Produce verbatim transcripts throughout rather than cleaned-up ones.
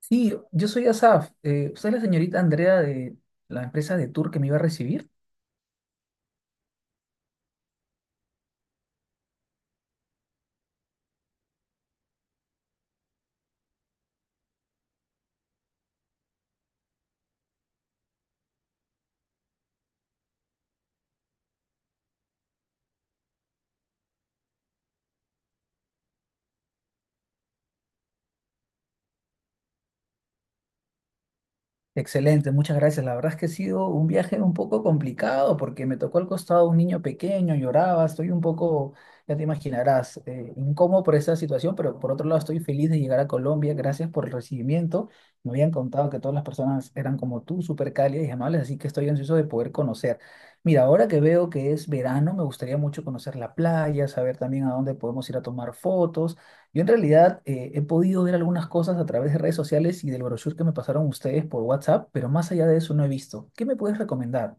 Sí, yo soy Asaf. Eh, ¿usted es la señorita Andrea de la empresa de tour que me iba a recibir? Excelente, muchas gracias. La verdad es que ha sido un viaje un poco complicado porque me tocó al costado un niño pequeño, lloraba, estoy un poco, ya te imaginarás, eh, incómodo por esa situación, pero por otro lado estoy feliz de llegar a Colombia. Gracias por el recibimiento. Me habían contado que todas las personas eran como tú, súper cálidas y amables, así que estoy ansioso de poder conocer. Mira, ahora que veo que es verano, me gustaría mucho conocer la playa, saber también a dónde podemos ir a tomar fotos. Yo en realidad eh, he podido ver algunas cosas a través de redes sociales y del brochure que me pasaron ustedes por WhatsApp, pero más allá de eso no he visto. ¿Qué me puedes recomendar?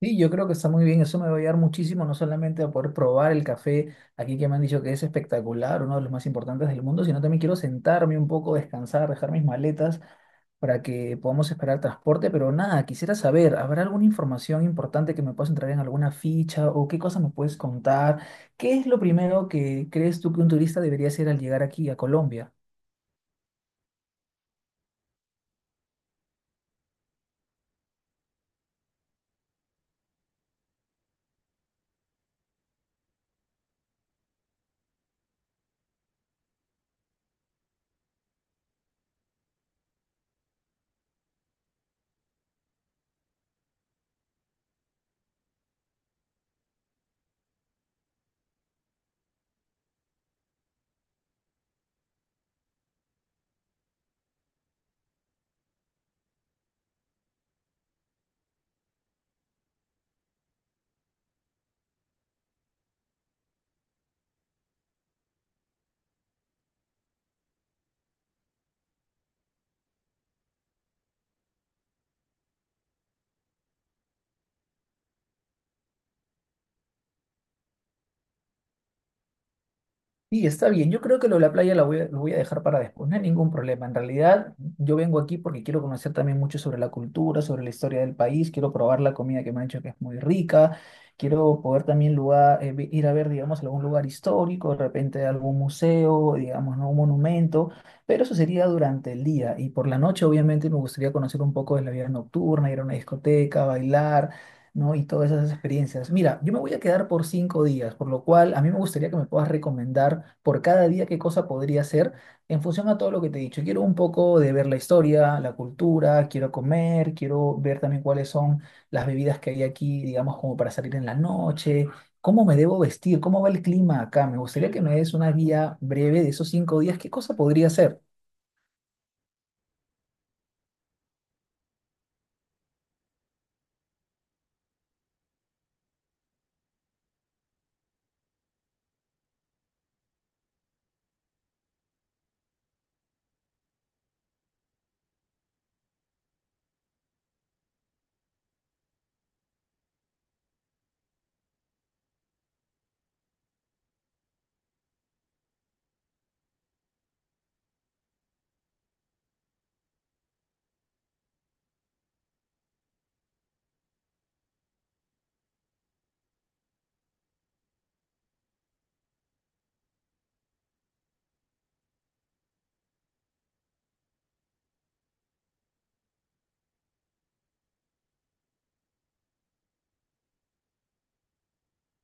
Sí, yo creo que está muy bien, eso me va a ayudar muchísimo, no solamente a poder probar el café aquí que me han dicho que es espectacular, uno de los más importantes del mundo, sino también quiero sentarme un poco, descansar, dejar mis maletas para que podamos esperar transporte, pero nada, quisiera saber, ¿habrá alguna información importante que me puedas entrar en alguna ficha o qué cosas me puedes contar? ¿Qué es lo primero que crees tú que un turista debería hacer al llegar aquí a Colombia? Sí, está bien. Yo creo que lo de la playa la voy a, lo voy a dejar para después. No hay ningún problema. En realidad, yo vengo aquí porque quiero conocer también mucho sobre la cultura, sobre la historia del país. Quiero probar la comida que me han dicho que es muy rica. Quiero poder también lugar, eh, vi- ir a ver, digamos, algún lugar histórico, de repente algún museo, digamos, ¿no? Un monumento. Pero eso sería durante el día. Y por la noche, obviamente, me gustaría conocer un poco de la vida nocturna, ir a una discoteca, bailar ¿no? Y todas esas experiencias. Mira, yo me voy a quedar por cinco días, por lo cual a mí me gustaría que me puedas recomendar por cada día qué cosa podría hacer en función a todo lo que te he dicho. Quiero un poco de ver la historia, la cultura, quiero comer, quiero ver también cuáles son las bebidas que hay aquí, digamos, como para salir en la noche, cómo me debo vestir, cómo va el clima acá. Me gustaría que me des una guía breve de esos cinco días, qué cosa podría hacer.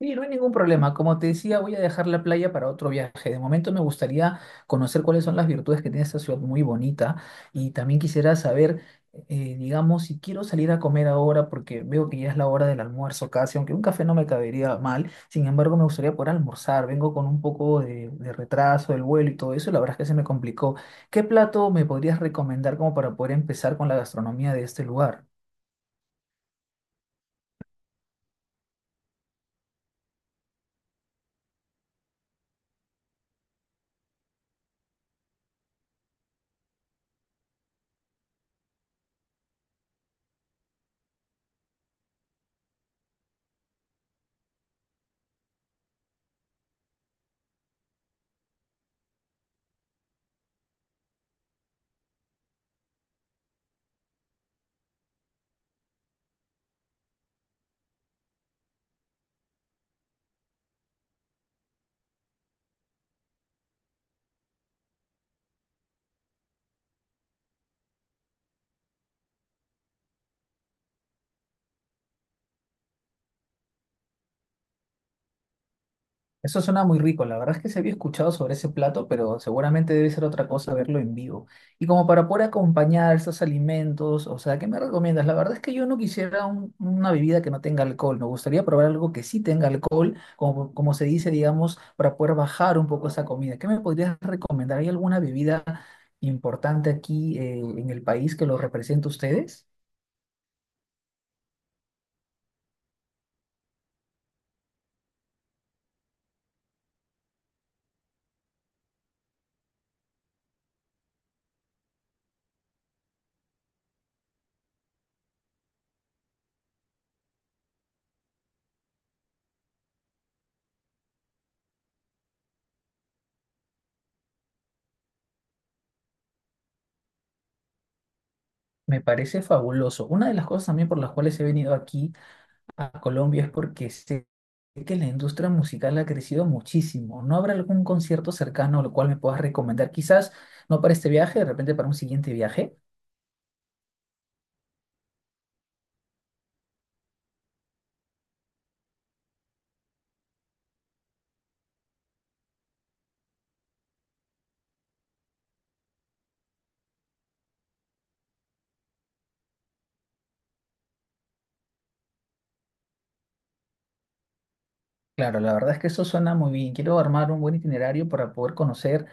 Sí, no hay ningún problema. Como te decía, voy a dejar la playa para otro viaje. De momento me gustaría conocer cuáles son las virtudes que tiene esta ciudad muy bonita y también quisiera saber, eh, digamos, si quiero salir a comer ahora porque veo que ya es la hora del almuerzo casi, aunque un café no me cabería mal. Sin embargo, me gustaría poder almorzar. Vengo con un poco de, de retraso del vuelo y todo eso y la verdad es que se me complicó. ¿Qué plato me podrías recomendar como para poder empezar con la gastronomía de este lugar? Eso suena muy rico, la verdad es que se había escuchado sobre ese plato, pero seguramente debe ser otra cosa verlo en vivo. Y como para poder acompañar estos alimentos, o sea, ¿qué me recomiendas? La verdad es que yo no quisiera un- una bebida que no tenga alcohol, me gustaría probar algo que sí tenga alcohol, como, como se dice, digamos, para poder bajar un poco esa comida. ¿Qué me podrías recomendar? ¿Hay alguna bebida importante aquí eh, en el país que lo represente a ustedes? Me parece fabuloso. Una de las cosas también por las cuales he venido aquí a Colombia es porque sé. Es que la industria musical ha crecido muchísimo. ¿No habrá algún concierto cercano al cual me puedas recomendar? Quizás no para este viaje, de repente para un siguiente viaje. Claro, la verdad es que eso suena muy bien. Quiero armar un buen itinerario para poder conocer,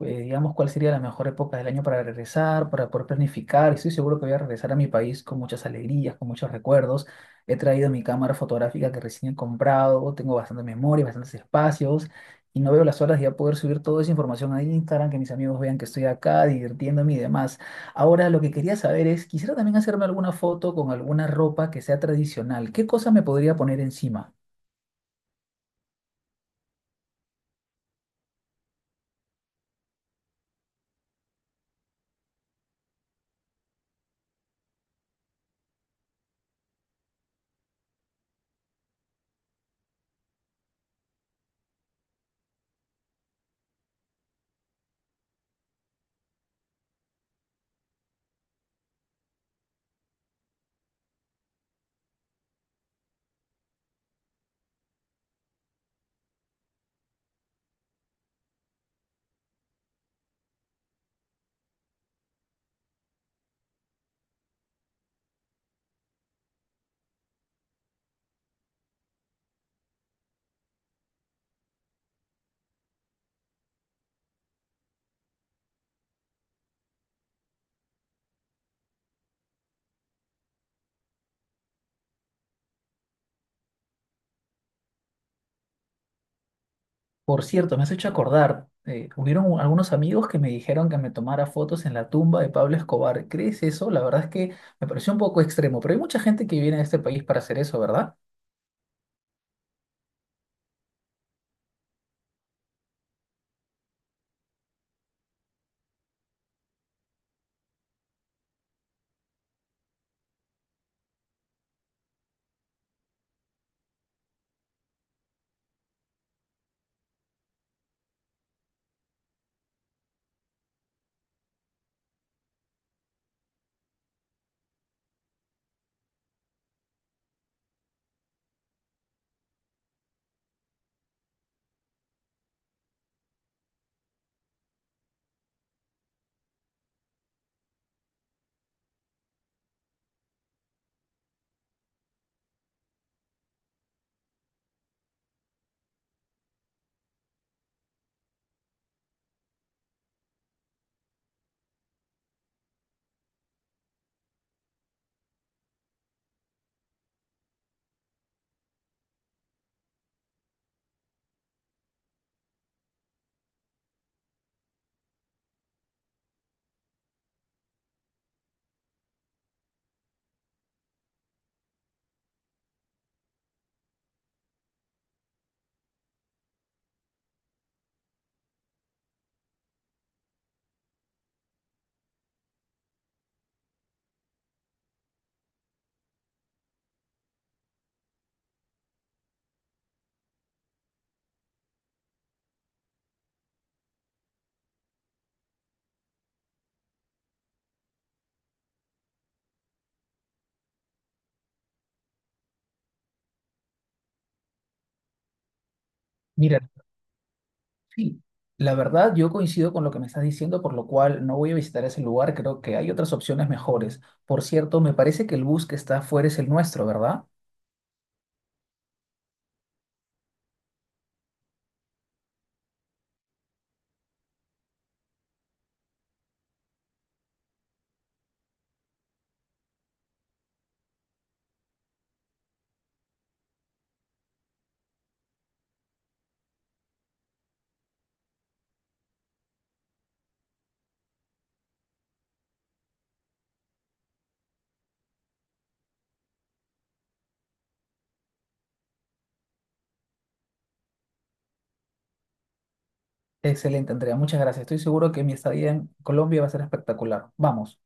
eh, digamos, cuál sería la mejor época del año para regresar, para poder planificar. Estoy seguro que voy a regresar a mi país con muchas alegrías, con muchos recuerdos. He traído mi cámara fotográfica que recién he comprado, tengo bastante memoria, bastantes espacios y no veo las horas de ya poder subir toda esa información a Instagram, que mis amigos vean que estoy acá divirtiéndome y demás. Ahora, lo que quería saber es, quisiera también hacerme alguna foto con alguna ropa que sea tradicional. ¿Qué cosa me podría poner encima? Por cierto, me has hecho acordar, eh, hubieron u- algunos amigos que me dijeron que me tomara fotos en la tumba de Pablo Escobar. ¿Crees eso? La verdad es que me pareció un poco extremo, pero hay mucha gente que viene a este país para hacer eso, ¿verdad? Mira, sí, la verdad yo coincido con lo que me estás diciendo, por lo cual no voy a visitar ese lugar, creo que hay otras opciones mejores. Por cierto, me parece que el bus que está afuera es el nuestro, ¿verdad? Excelente, Andrea, muchas gracias. Estoy seguro que mi estadía en Colombia va a ser espectacular. Vamos.